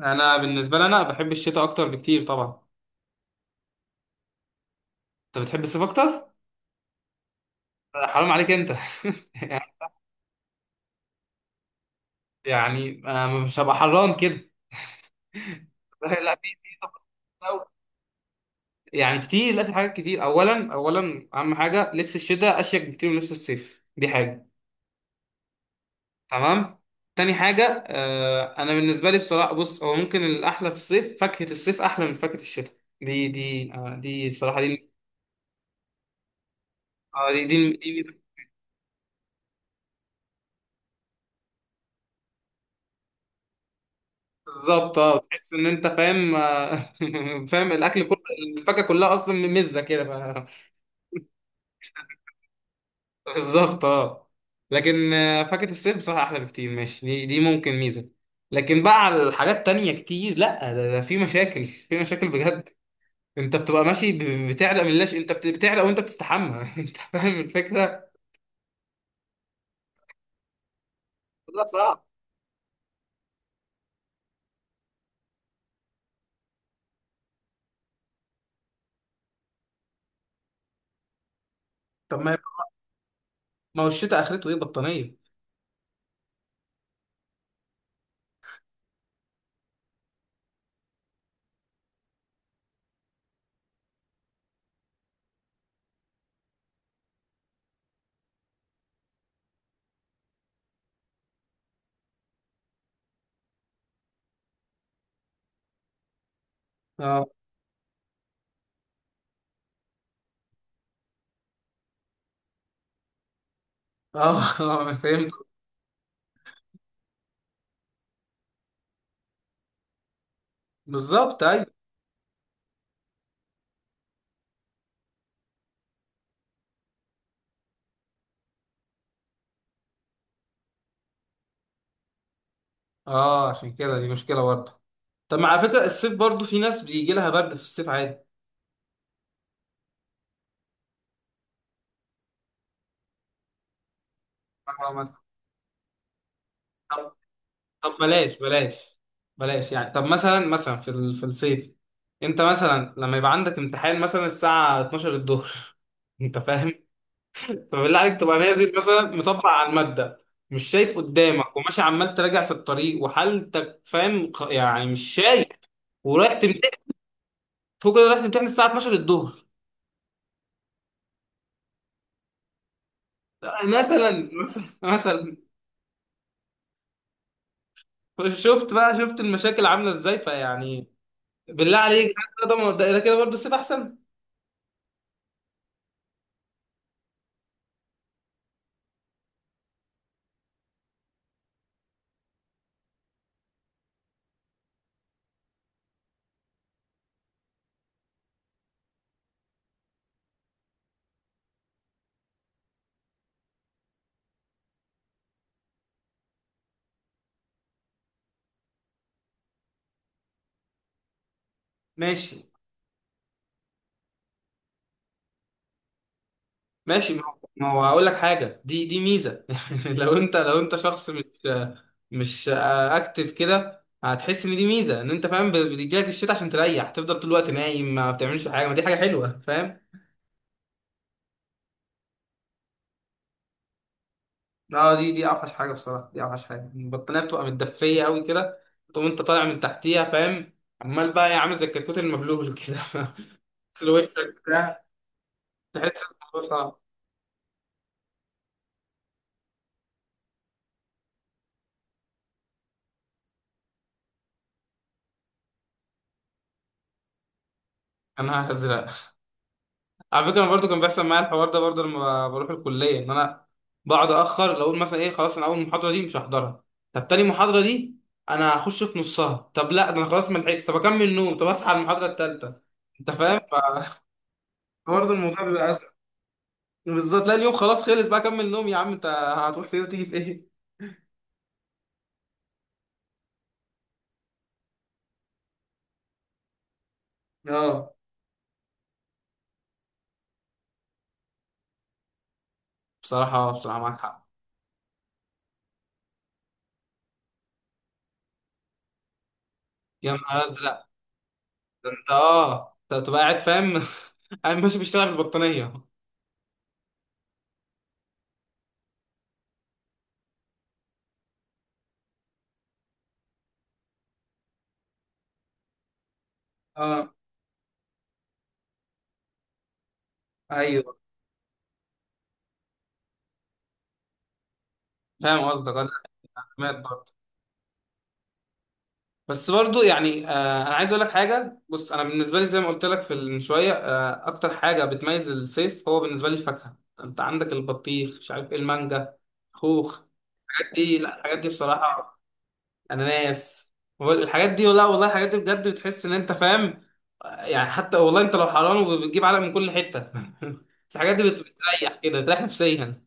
انا بالنسبه لي انا بحب الشتاء اكتر بكتير طبعا. انت بتحب الصيف اكتر؟ حرام عليك انت. يعني أنا مش هبقى حران كده. لا، في طبعاً. يعني كتير، لا، في حاجات كتير. اولا اهم حاجه لبس الشتاء اشيك بكتير من لبس الصيف، دي حاجه. تمام. تاني حاجه، انا بالنسبه لي بصراحه، بص، هو ممكن الاحلى في الصيف فاكهه الصيف احلى من فاكهه الشتاء. دي دي بصراحه دي. آه، دي دي دي, بالظبط. اه تحس ان انت فاهم. فاهم الاكل كله، الفاكهه كلها اصلا مزه كده بالظبط اه. لكن فاكهه الصيف بصراحه احلى بكتير، ماشي، دي ممكن ميزه. لكن بقى على الحاجات تانية كتير، لا، ده في مشاكل في مشاكل بجد. انت بتبقى ماشي، بتعرق من اللاش، انت بتعرق وانت بتستحمى. انت فاهم الفكره. لا صعب. طب، ما هو الشتاء اخرته ايه؟ بطانيه. اه. اه. اه فهمت. بالظبط ايوه. اه، عشان كده دي مشكله برضه. طب، ما على فكرة الصيف برضو في ناس بيجي لها برد في الصيف عادي. آه، مثلا. طب طب، بلاش بلاش. بلاش يعني، طب مثلا في في الصيف، انت مثلا لما يبقى عندك امتحان مثلا الساعة 12 الظهر. انت فاهم؟ فبالله عليك تبقى نازل مثلا، مطبق على المادة، مش شايف قدامك، وماشي عمال تراجع في الطريق، وحالتك فاهم، يعني مش شايف، ورايح تمتحن. فوق كده رايح تمتحن الساعة 12 الظهر. مثلا. شفت بقى، شفت المشاكل عاملة ازاي؟ فيعني بالله عليك، ده كده برضه السيف احسن. ماشي. ماشي. ما هو هقول لك حاجه، دي ميزه. لو انت شخص مش اكتف كده، هتحس ان دي ميزه، ان انت فاهم، بتجيلك الشتاء عشان تريح، تفضل طول الوقت نايم ما بتعملش حاجه، ما دي حاجه حلوه، فاهم. اه، دي اوحش حاجه بصراحه، دي اوحش حاجه. البطانيه بتبقى متدفيه قوي كده، تقوم انت طالع من تحتيها، فاهم؟ عمال بقى يا عامل زي الكتكوت المبلول كده. بس وشك بتاع، تحس الموضوع صعب. انا هزرق. على فكره انا برضو كان بيحصل معايا الحوار ده برضو، لما بروح الكليه، ان انا بقعد اخر، لو اقول مثلا ايه، خلاص انا اول محاضره دي مش هحضرها. طب تاني محاضره دي انا هخش في نصها. طب لا، ده انا خلاص ما لحقتش، طب اكمل نوم، طب اصحى على المحاضره الثالثه. انت فاهم؟ فبرضه الموضوع بيبقى أسهل. بالظبط. لا، اليوم خلاص، خلص بقى كمل نوم يا عم انت، هتروح فين وتيجي في ايه؟ اه بصراحه بصراحه معاك حق. يا نهار ازرق. ده انت، انت تبقى قاعد فاهم. قاعد ماشي بيشتغل بالبطانيه. اه ايوه فاهم قصدك. انا سمعت برضه. بس برضو يعني انا عايز اقول لك حاجه. بص، انا بالنسبه لي، زي ما قلت لك في من شويه، اكتر حاجه بتميز الصيف هو بالنسبه لي الفاكهه. انت عندك البطيخ، مش عارف ايه، المانجا، خوخ. الحاجات دي، لا، الحاجات دي بصراحه، اناناس. هو الحاجات دي، لا والله، الحاجات دي بجد بتحس ان انت فاهم. يعني حتى والله انت لو حران وبتجيب علق من كل حته. بس الحاجات دي بتريح كده، بتريح نفسيا.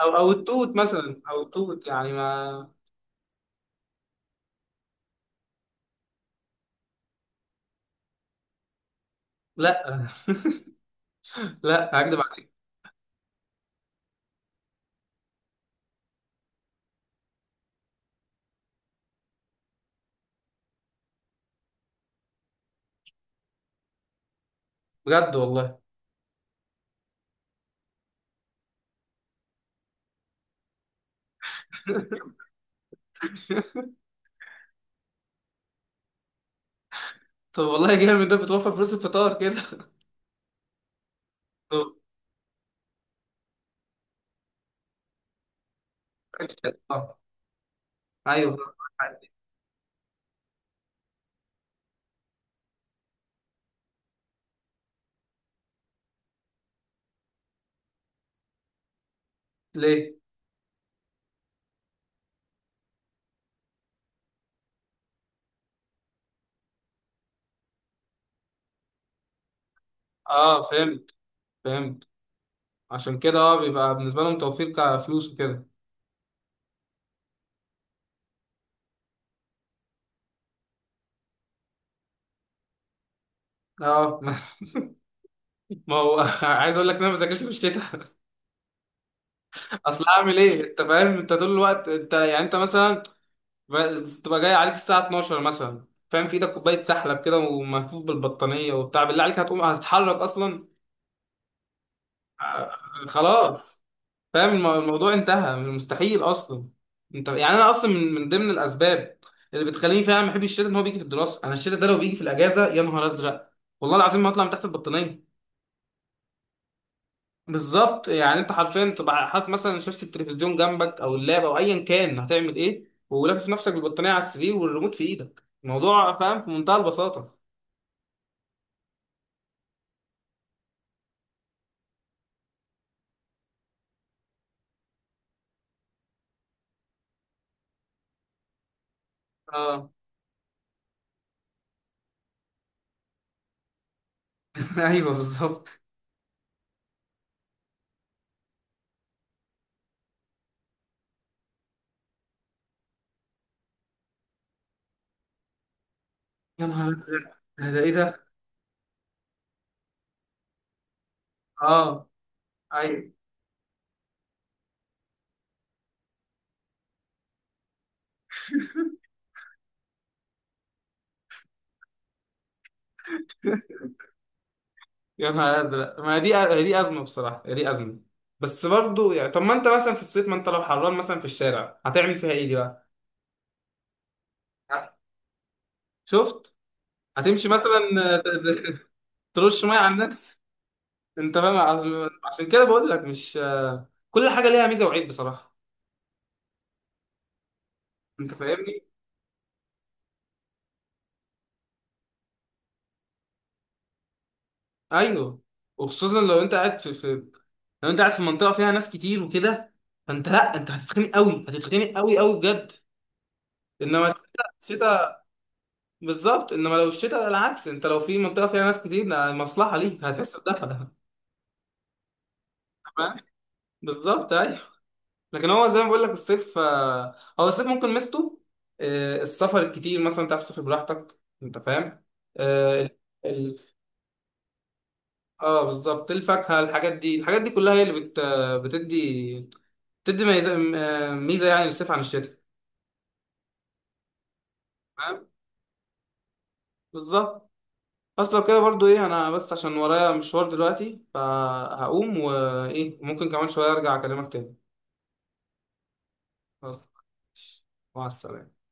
او التوت مثلا، او التوت يعني ما. لا، لا هكدب عليك. بجد والله. طب والله جامد، ده بتوفر فلوس الفطار كده. طب آه، ايوه ليه؟ اه فهمت. فهمت. عشان كده اه، بيبقى بالنسبه لهم توفير كفلوس وكده. اه. ما هو عايز اقول لك ان انا ما بذاكرش في الشتاء. اصل هعمل ايه؟ انت فاهم، انت طول الوقت، انت يعني انت مثلا تبقى جاي عليك الساعه 12 مثلا، فاهم؟ في ايدك كوبايه سحلب كده وملفوف بالبطانيه وبتاع، بالله عليك هتقوم؟ هتتحرك اصلا؟ آه، خلاص. فاهم الموضوع انتهى، مستحيل اصلا. انت يعني، انا اصلا من ضمن الاسباب اللي بتخليني فعلا ما احبش الشتاء ان هو بيجي في الدراسه. انا الشتاء ده لو بيجي في الاجازه، يا نهار ازرق، والله العظيم ما اطلع من تحت البطانيه. بالظبط. يعني انت حرفيا تبقى حاطط مثلا شاشه التلفزيون جنبك او اللاب او ايا كان، هتعمل ايه، ولافف نفسك بالبطانيه على السرير والريموت في ايدك، الموضوع فاهم في منتهى البساطه. اه. ايوه بالظبط. يا نهار ازرق، ده ايه ده؟ اه ايوه. يا نهار ازرق، ما دي ازمه بصراحه، دي ازمه. بس برضو يعني، طب ما انت مثلا في الصيف، ما انت لو حران مثلا في الشارع، هتعمل فيها ايه دي بقى؟ ه- شفت. هتمشي مثلا، ت- ترش ميه على الناس، انت فاهم. عشان كده بقول لك، مش كل حاجه ليها ميزه وعيب بصراحه. انت فاهمني. ايوه. وخصوصا لو انت قاعد في منطقه فيها ناس كتير وكده، فانت لا، انت هتتخنق قوي، هتتخنق قوي قوي بجد. انما الشتاء، بالظبط، انما لو الشتاء على العكس، انت لو في منطقه فيها ناس كتير ده مصلحه ليك، هتحس بدفى ده، تمام. بالظبط ايوه. لكن هو زي ما بقول لك، الصيف هو الصيف ممكن ميزته، السفر الكتير مثلا، تعرف تسافر براحتك، انت فاهم. اه ال- بالظبط الفاكهه، الحاجات دي الحاجات دي كلها هي اللي بتدي بتدي ميزه يعني، للصيف عن الشتاء. تمام بالظبط. بس لو كده برضو ايه، انا بس عشان ورايا مشوار دلوقتي فهقوم، وايه ممكن كمان شويه ارجع اكلمك تاني. خلاص. مع السلامة.